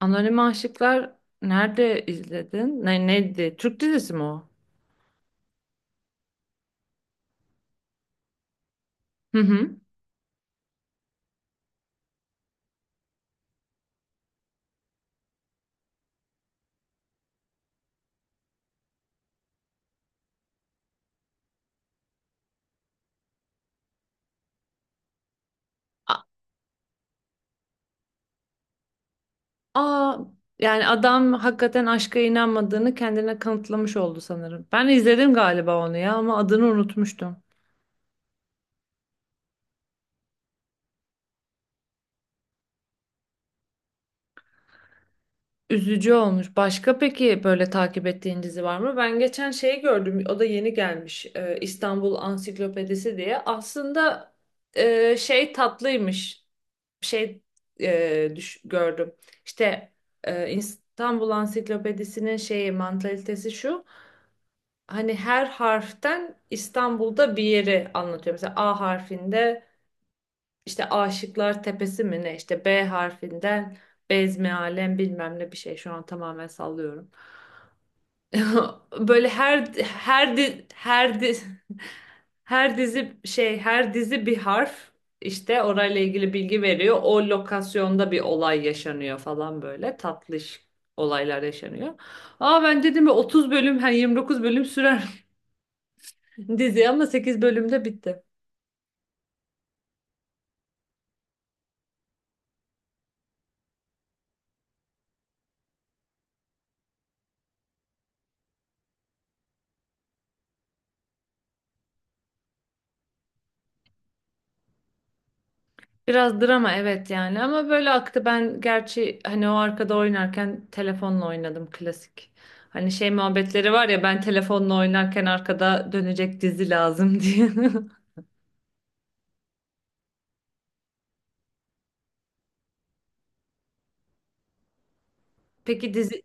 Anonim Aşıklar nerede izledin? Neydi? Türk dizisi mi o? Hı hı. A- Aa, yani adam hakikaten aşka inanmadığını kendine kanıtlamış oldu sanırım. Ben izledim galiba onu ya ama adını unutmuştum. Üzücü olmuş. Başka peki böyle takip ettiğin dizi var mı? Ben geçen şeyi gördüm. O da yeni gelmiş. İstanbul Ansiklopedisi diye. Aslında şey tatlıymış. Şey gördüm. İşte İstanbul Ansiklopedisi'nin şeyi mantalitesi şu. Hani her harften İstanbul'da bir yeri anlatıyor. Mesela A harfinde işte Aşıklar Tepesi mi ne? İşte B harfinden Bezmi Alem bilmem ne bir şey. Şu an tamamen sallıyorum. Böyle her dizi bir harf işte orayla ilgili bilgi veriyor. O lokasyonda bir olay yaşanıyor falan böyle tatlış olaylar yaşanıyor. Aa, ben dedim ya, 30 bölüm, hani 29 bölüm sürer dizi, ama 8 bölümde bitti. Biraz drama, evet yani, ama böyle aktı, ben gerçi hani o arkada oynarken telefonla oynadım, klasik. Hani şey muhabbetleri var ya, ben telefonla oynarken arkada dönecek dizi lazım diye. Peki dizi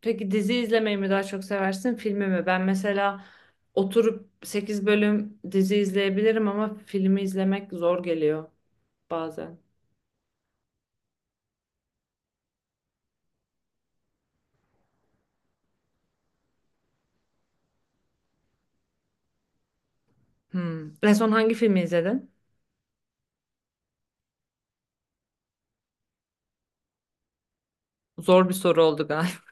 peki dizi izlemeyi mi daha çok seversin, filmi mi? Ben mesela oturup 8 bölüm dizi izleyebilirim, ama filmi izlemek zor geliyor bazen. Hmm. En son hangi filmi izledin? Zor bir soru oldu galiba.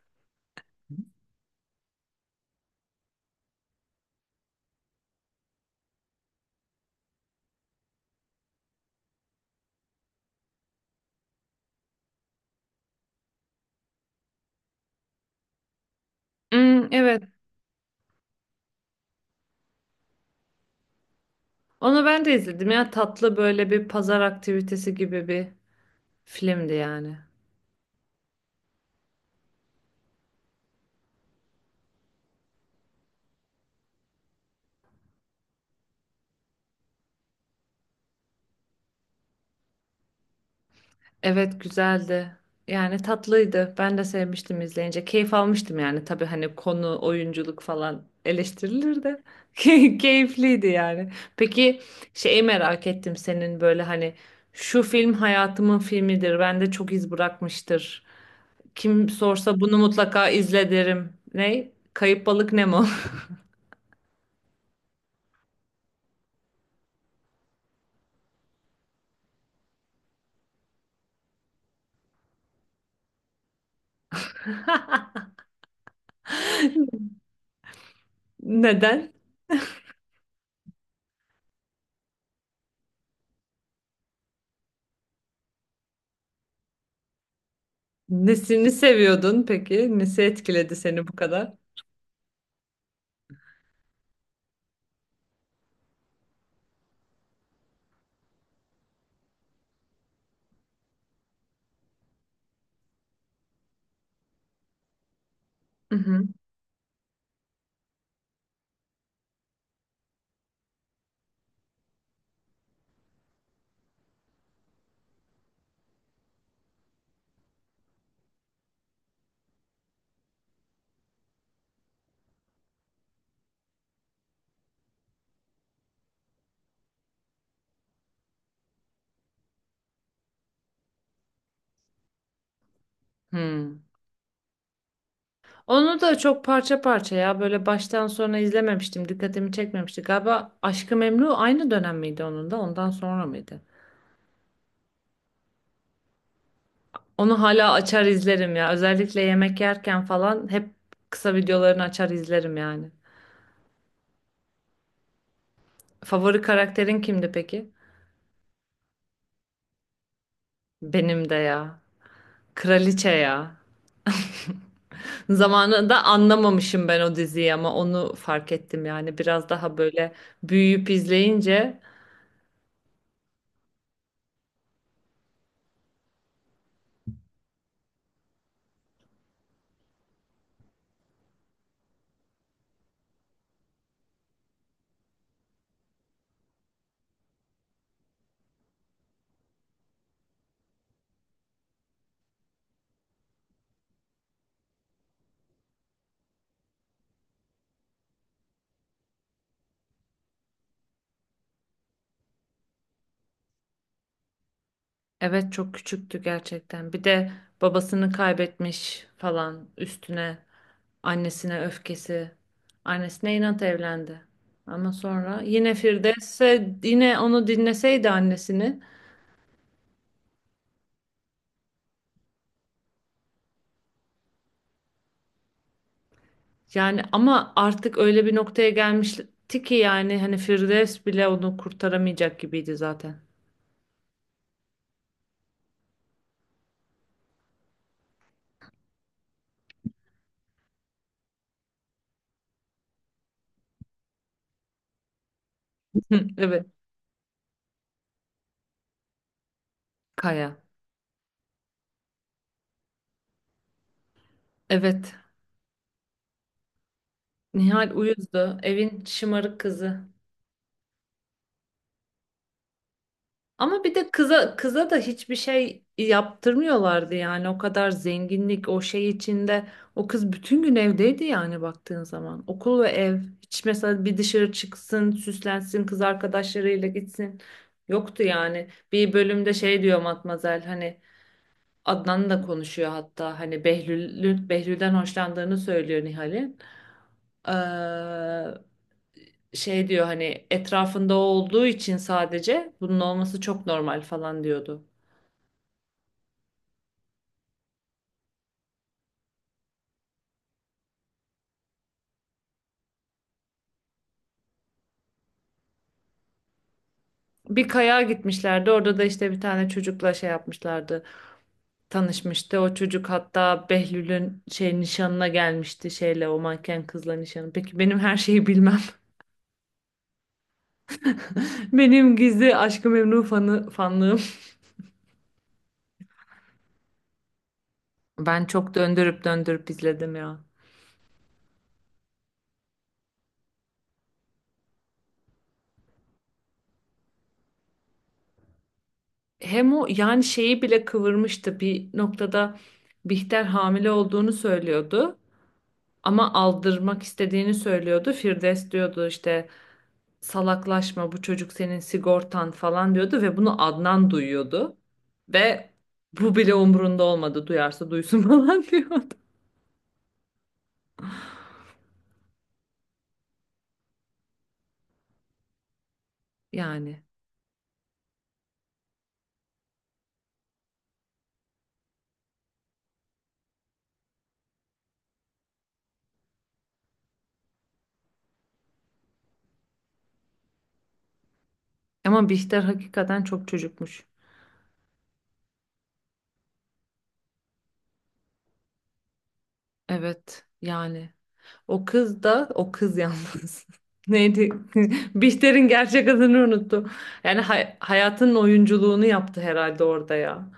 Hmm, evet. Onu ben de izledim ya, tatlı, böyle bir pazar aktivitesi gibi bir filmdi yani. Evet, güzeldi. Yani tatlıydı. Ben de sevmiştim izleyince. Keyif almıştım yani. Tabii hani konu, oyunculuk falan eleştirilir de keyifliydi yani. Peki, şeyi merak ettim, senin böyle hani şu film hayatımın filmidir, bende çok iz bırakmıştır, kim sorsa bunu mutlaka izle derim. Ne? Kayıp Balık Nemo. Neden? Nesini seviyordun peki? Nesi etkiledi seni bu kadar? Hı hı. Hmm. Onu da çok parça parça ya, böyle baştan sona izlememiştim. Dikkatimi çekmemişti. Galiba Aşk-ı Memnu aynı dönem miydi, onun da ondan sonra mıydı? Onu hala açar izlerim ya. Özellikle yemek yerken falan hep kısa videolarını açar izlerim yani. Favori karakterin kimdi peki? Benim de ya. Kraliçe ya. Zamanında anlamamışım ben o diziyi, ama onu fark ettim yani biraz daha böyle büyüyüp izleyince. Evet, çok küçüktü gerçekten. Bir de babasını kaybetmiş falan, üstüne annesine öfkesi. Annesine inat evlendi. Ama sonra yine Firdevs'e, yine onu dinleseydi annesini, yani ama artık öyle bir noktaya gelmişti ki yani hani Firdevs bile onu kurtaramayacak gibiydi zaten. Evet. Kaya. Evet. Nihal uyuzdu. Evin şımarık kızı. Ama bir de kıza kıza da hiçbir şey yaptırmıyorlardı yani, o kadar zenginlik, o şey içinde o kız bütün gün evdeydi yani, baktığın zaman okul ve ev, hiç mesela bir dışarı çıksın, süslensin, kız arkadaşlarıyla gitsin, yoktu yani. Bir bölümde şey diyor Matmazel, hani Adnan da konuşuyor hatta, hani Behlül'den hoşlandığını söylüyor Nihal'in. Ee, şey diyor, hani etrafında o olduğu için sadece, bunun olması çok normal falan diyordu. Bir kayağa gitmişlerdi. Orada da işte bir tane çocukla şey yapmışlardı. Tanışmıştı. O çocuk hatta Behlül'ün şey nişanına gelmişti, şeyle, o manken kızla nişanı. Peki, benim her şeyi bilmem. Benim gizli Aşk-ı Memnu fanlığım. Ben çok döndürüp döndürüp izledim ya. Hem o yani, şeyi bile kıvırmıştı bir noktada. Bihter hamile olduğunu söylüyordu, ama aldırmak istediğini söylüyordu. Firdevs diyordu işte, salaklaşma, bu çocuk senin sigortan falan diyordu, ve bunu Adnan duyuyordu. Ve bu bile umurunda olmadı, duyarsa duysun falan diyordu. Yani ama Bihter hakikaten çok çocukmuş. Evet yani, o kız da, o kız yalnız. Neydi? Bihter'in gerçek adını unuttum. Yani hayatın oyunculuğunu yaptı herhalde orada ya.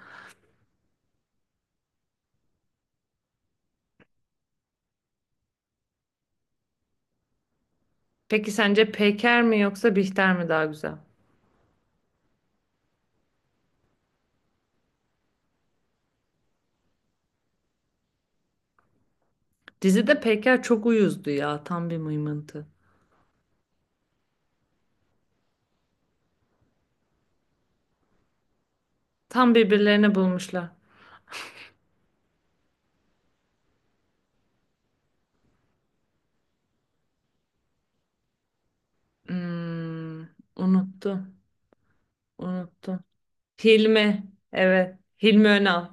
Peki sence Peker mi yoksa Bihter mi daha güzel? Dizide Peker çok uyuzdu ya. Tam bir mıymıntı. Tam birbirlerini bulmuşlar. Hmm, unuttum. Unuttum. Hilmi. Evet. Hilmi Önal.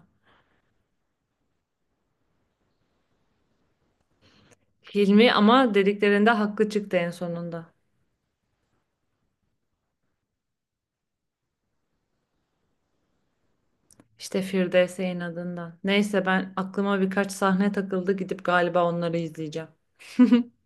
Hilmi ama dediklerinde haklı çıktı en sonunda. İşte Firdevs'in adından. Neyse, ben aklıma birkaç sahne takıldı. Gidip galiba onları izleyeceğim.